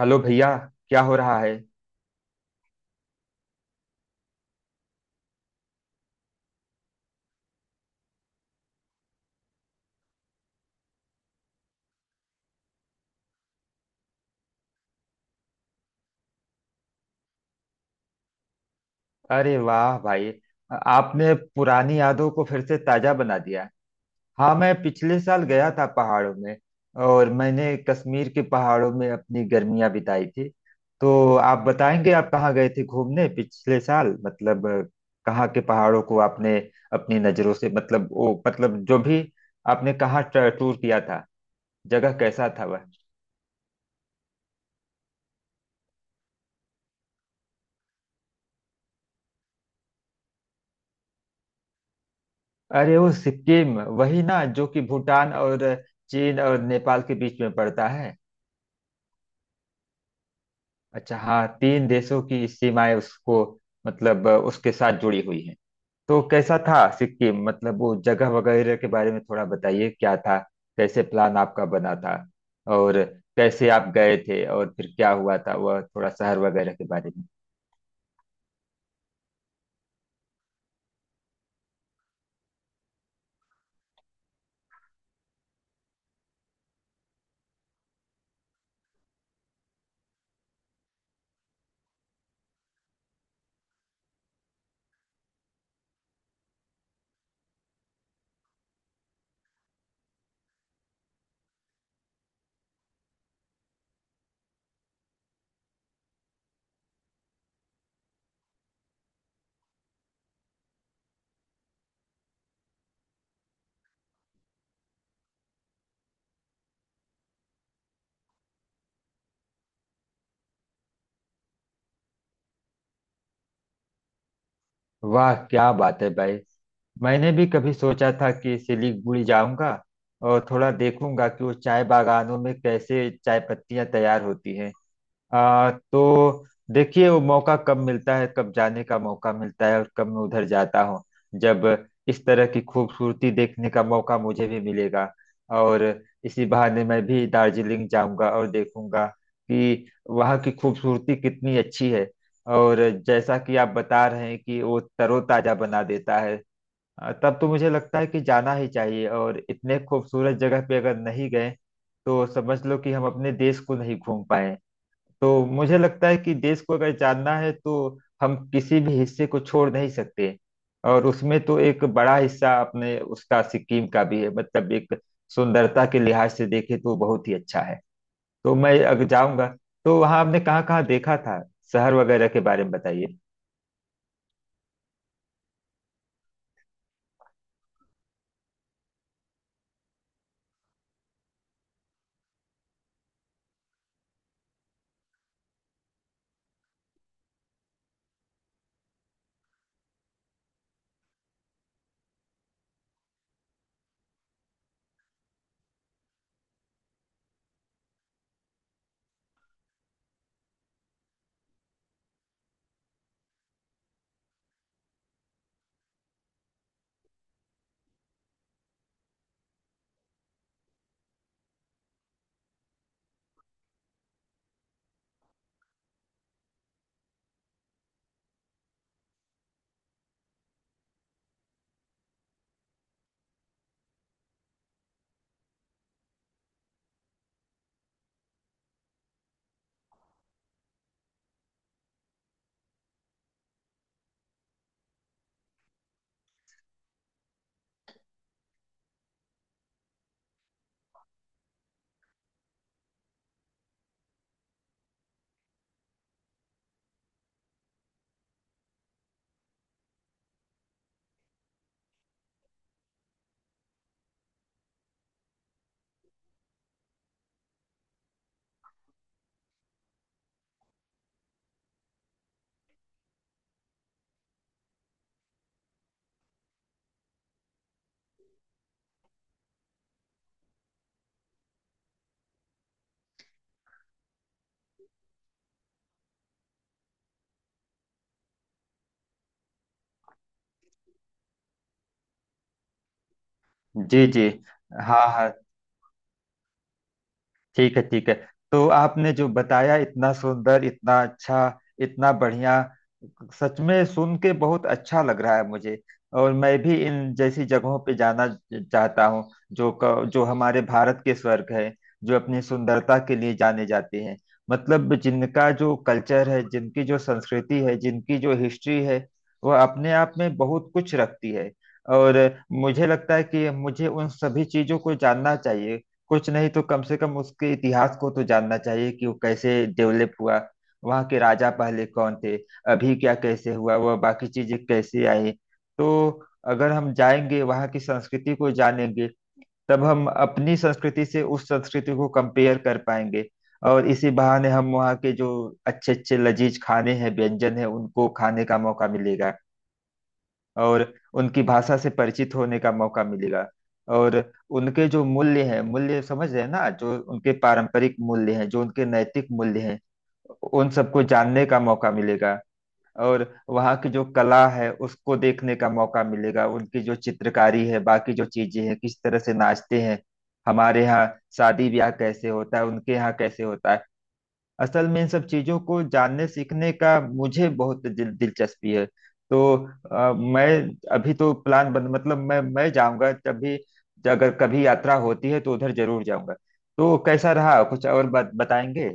Hello भैया। क्या हो रहा है। अरे वाह भाई। आपने पुरानी यादों को फिर से ताजा बना दिया। हाँ, मैं पिछले साल गया था पहाड़ों में, और मैंने कश्मीर के पहाड़ों में अपनी गर्मियां बिताई थी। तो आप बताएंगे, आप कहाँ गए थे घूमने पिछले साल, मतलब कहाँ के पहाड़ों को आपने अपनी नजरों से, मतलब वो, मतलब जो भी, आपने कहाँ टूर किया था। जगह कैसा था वह। अरे वो सिक्किम वही ना, जो कि भूटान और चीन और नेपाल के बीच में पड़ता है। अच्छा, हाँ, तीन देशों की सीमाएं उसको, मतलब उसके साथ जुड़ी हुई हैं। तो कैसा था सिक्किम, मतलब वो जगह वगैरह के बारे में थोड़ा बताइए क्या था, कैसे प्लान आपका बना था, और कैसे आप गए थे, और फिर क्या हुआ था वह, थोड़ा शहर वगैरह के बारे में। वाह क्या बात है भाई। मैंने भी कभी सोचा था कि सिलीगुड़ी जाऊंगा, और थोड़ा देखूंगा कि वो चाय बागानों में कैसे चाय पत्तियां तैयार होती हैं। तो देखिए वो मौका कब मिलता है, कब जाने का मौका मिलता है, और कब मैं उधर जाता हूँ, जब इस तरह की खूबसूरती देखने का मौका मुझे भी मिलेगा। और इसी बहाने मैं भी दार्जिलिंग जाऊंगा और देखूंगा कि वहाँ की खूबसूरती कितनी अच्छी है। और जैसा कि आप बता रहे हैं कि वो तरोताजा बना देता है, तब तो मुझे लगता है कि जाना ही चाहिए, और इतने खूबसूरत जगह पे अगर नहीं गए तो समझ लो कि हम अपने देश को नहीं घूम पाए। तो मुझे लगता है कि देश को अगर जानना है तो हम किसी भी हिस्से को छोड़ नहीं सकते। और उसमें तो एक बड़ा हिस्सा अपने उसका सिक्किम का भी है, मतलब एक, सुंदरता के लिहाज से देखे तो बहुत ही अच्छा है। तो मैं अगर जाऊंगा तो। वहां आपने कहाँ कहाँ देखा था, शहर वगैरह के बारे में बताइए। जी, जी। हाँ, हाँ। ठीक है, ठीक है। तो आपने जो बताया इतना सुंदर, इतना अच्छा, इतना बढ़िया, सच में सुन के बहुत अच्छा लग रहा है मुझे। और मैं भी इन जैसी जगहों पे जाना चाहता हूँ, जो हमारे भारत के स्वर्ग है, जो अपनी सुंदरता के लिए जाने जाते हैं। मतलब जिनका जो कल्चर है, जिनकी जो संस्कृति है, जिनकी जो हिस्ट्री है, वह अपने आप में बहुत कुछ रखती है। और मुझे लगता है कि मुझे उन सभी चीजों को जानना चाहिए। कुछ नहीं तो कम से कम उसके इतिहास को तो जानना चाहिए कि वो कैसे डेवलप हुआ। वहाँ के राजा पहले कौन थे। अभी क्या, कैसे हुआ वह, बाकी चीजें कैसे आई। तो अगर हम जाएंगे, वहाँ की संस्कृति को जानेंगे, तब हम अपनी संस्कृति से उस संस्कृति को कंपेयर कर पाएंगे। और इसी बहाने हम वहाँ के जो अच्छे अच्छे लजीज खाने हैं, व्यंजन है, उनको खाने का मौका मिलेगा। और उनकी भाषा से परिचित होने का मौका मिलेगा। और उनके जो मूल्य हैं, मूल्य समझ रहे हैं ना, जो उनके पारंपरिक मूल्य हैं, जो उनके नैतिक मूल्य हैं, उन सबको जानने का मौका मिलेगा। और वहाँ की जो कला है उसको देखने का मौका मिलेगा, उनकी जो चित्रकारी है, बाकी जो चीजें हैं, किस तरह से नाचते हैं। हमारे यहाँ शादी ब्याह कैसे होता है, उनके यहाँ कैसे होता है। असल में इन सब चीजों को जानने सीखने का मुझे बहुत दिलचस्पी है। तो मैं, अभी तो प्लान बन, मतलब मैं जाऊंगा जब भी, अगर कभी यात्रा होती है तो उधर जरूर जाऊंगा। तो कैसा रहा, कुछ और बताएंगे।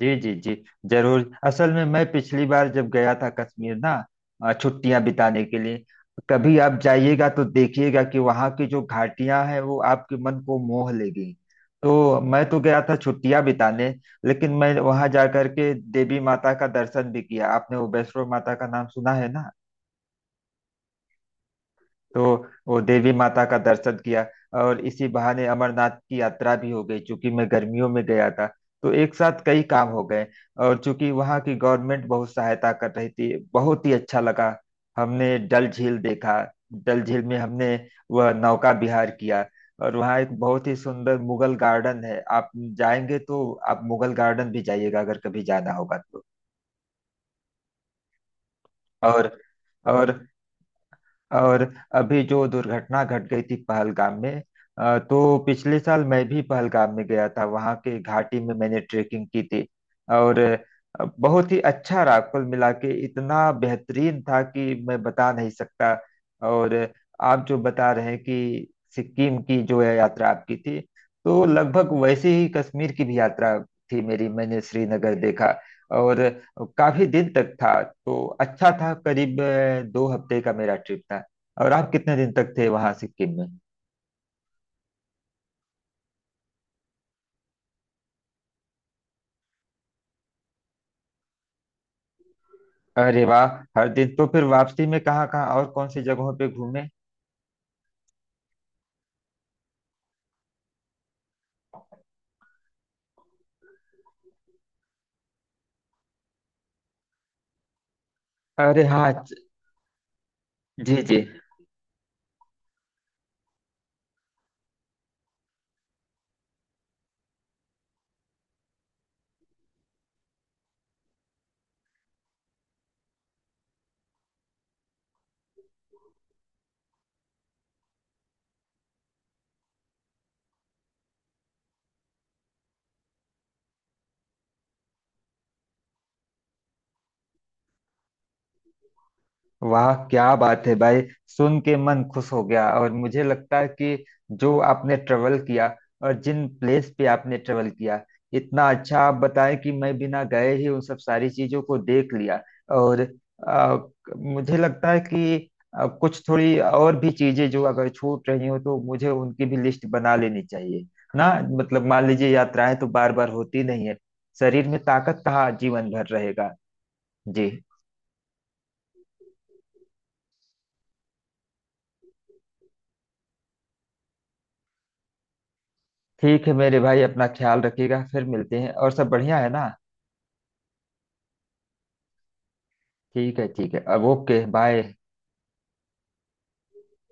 जी, जी, जी। जरूर। असल में मैं पिछली बार जब गया था कश्मीर ना, छुट्टियां बिताने के लिए। कभी आप जाइएगा तो देखिएगा कि वहाँ की जो घाटियां हैं वो आपके मन को मोह लेगी। तो मैं तो गया था छुट्टियां बिताने, लेकिन मैं वहाँ जा करके देवी माता का दर्शन भी किया। आपने वो वैष्णो माता का नाम सुना है ना। तो वो देवी माता का दर्शन किया, और इसी बहाने अमरनाथ की यात्रा भी हो गई। चूंकि मैं गर्मियों में गया था, तो एक साथ कई काम हो गए। और चूंकि वहाँ की गवर्नमेंट बहुत सहायता कर रही थी, बहुत ही अच्छा लगा। हमने डल झील देखा। डल झील में हमने वह नौका विहार किया। और वहाँ एक बहुत ही सुंदर मुगल गार्डन है। आप जाएंगे तो आप मुगल गार्डन भी जाइएगा, अगर कभी जाना होगा तो। और और और अभी जो दुर्घटना घट गई थी पहलगाम में। तो पिछले साल मैं भी पहलगाम में गया था, वहाँ के घाटी में मैंने ट्रेकिंग की थी। और बहुत ही अच्छा रहा, कुल मिला के इतना बेहतरीन था कि मैं बता नहीं सकता। और आप जो बता रहे हैं कि सिक्किम की जो है यात्रा आपकी थी, तो लगभग वैसे ही कश्मीर की भी यात्रा थी मेरी। मैंने श्रीनगर देखा। और काफी दिन तक था, तो अच्छा था। करीब 2 हफ्ते का मेरा ट्रिप था। और आप कितने दिन तक थे वहां सिक्किम में। अरे वाह। हर दिन तो फिर, वापसी में कहाँ कहाँ और कौन सी जगहों पे घूमे। अरे हाँ, जी जी। वाह क्या बात है भाई, सुन के मन खुश हो गया। और मुझे लगता है कि, जो आपने ट्रेवल किया, और जिन प्लेस पे आपने ट्रेवल किया, इतना अच्छा आप बताए कि मैं बिना गए ही उन सब सारी चीजों को देख लिया। और आ, मुझे लगता है कि कुछ थोड़ी और भी चीजें जो अगर छूट रही हो, तो मुझे उनकी भी लिस्ट बना लेनी चाहिए ना। मतलब मान लीजिए, यात्राएं तो बार बार होती नहीं है। शरीर में ताकत कहाँ जीवन भर रहेगा। जी। ठीक है मेरे भाई, अपना ख्याल रखिएगा, फिर मिलते हैं। और सब बढ़िया है ना। ठीक है, ठीक है, अब ओके, बाय।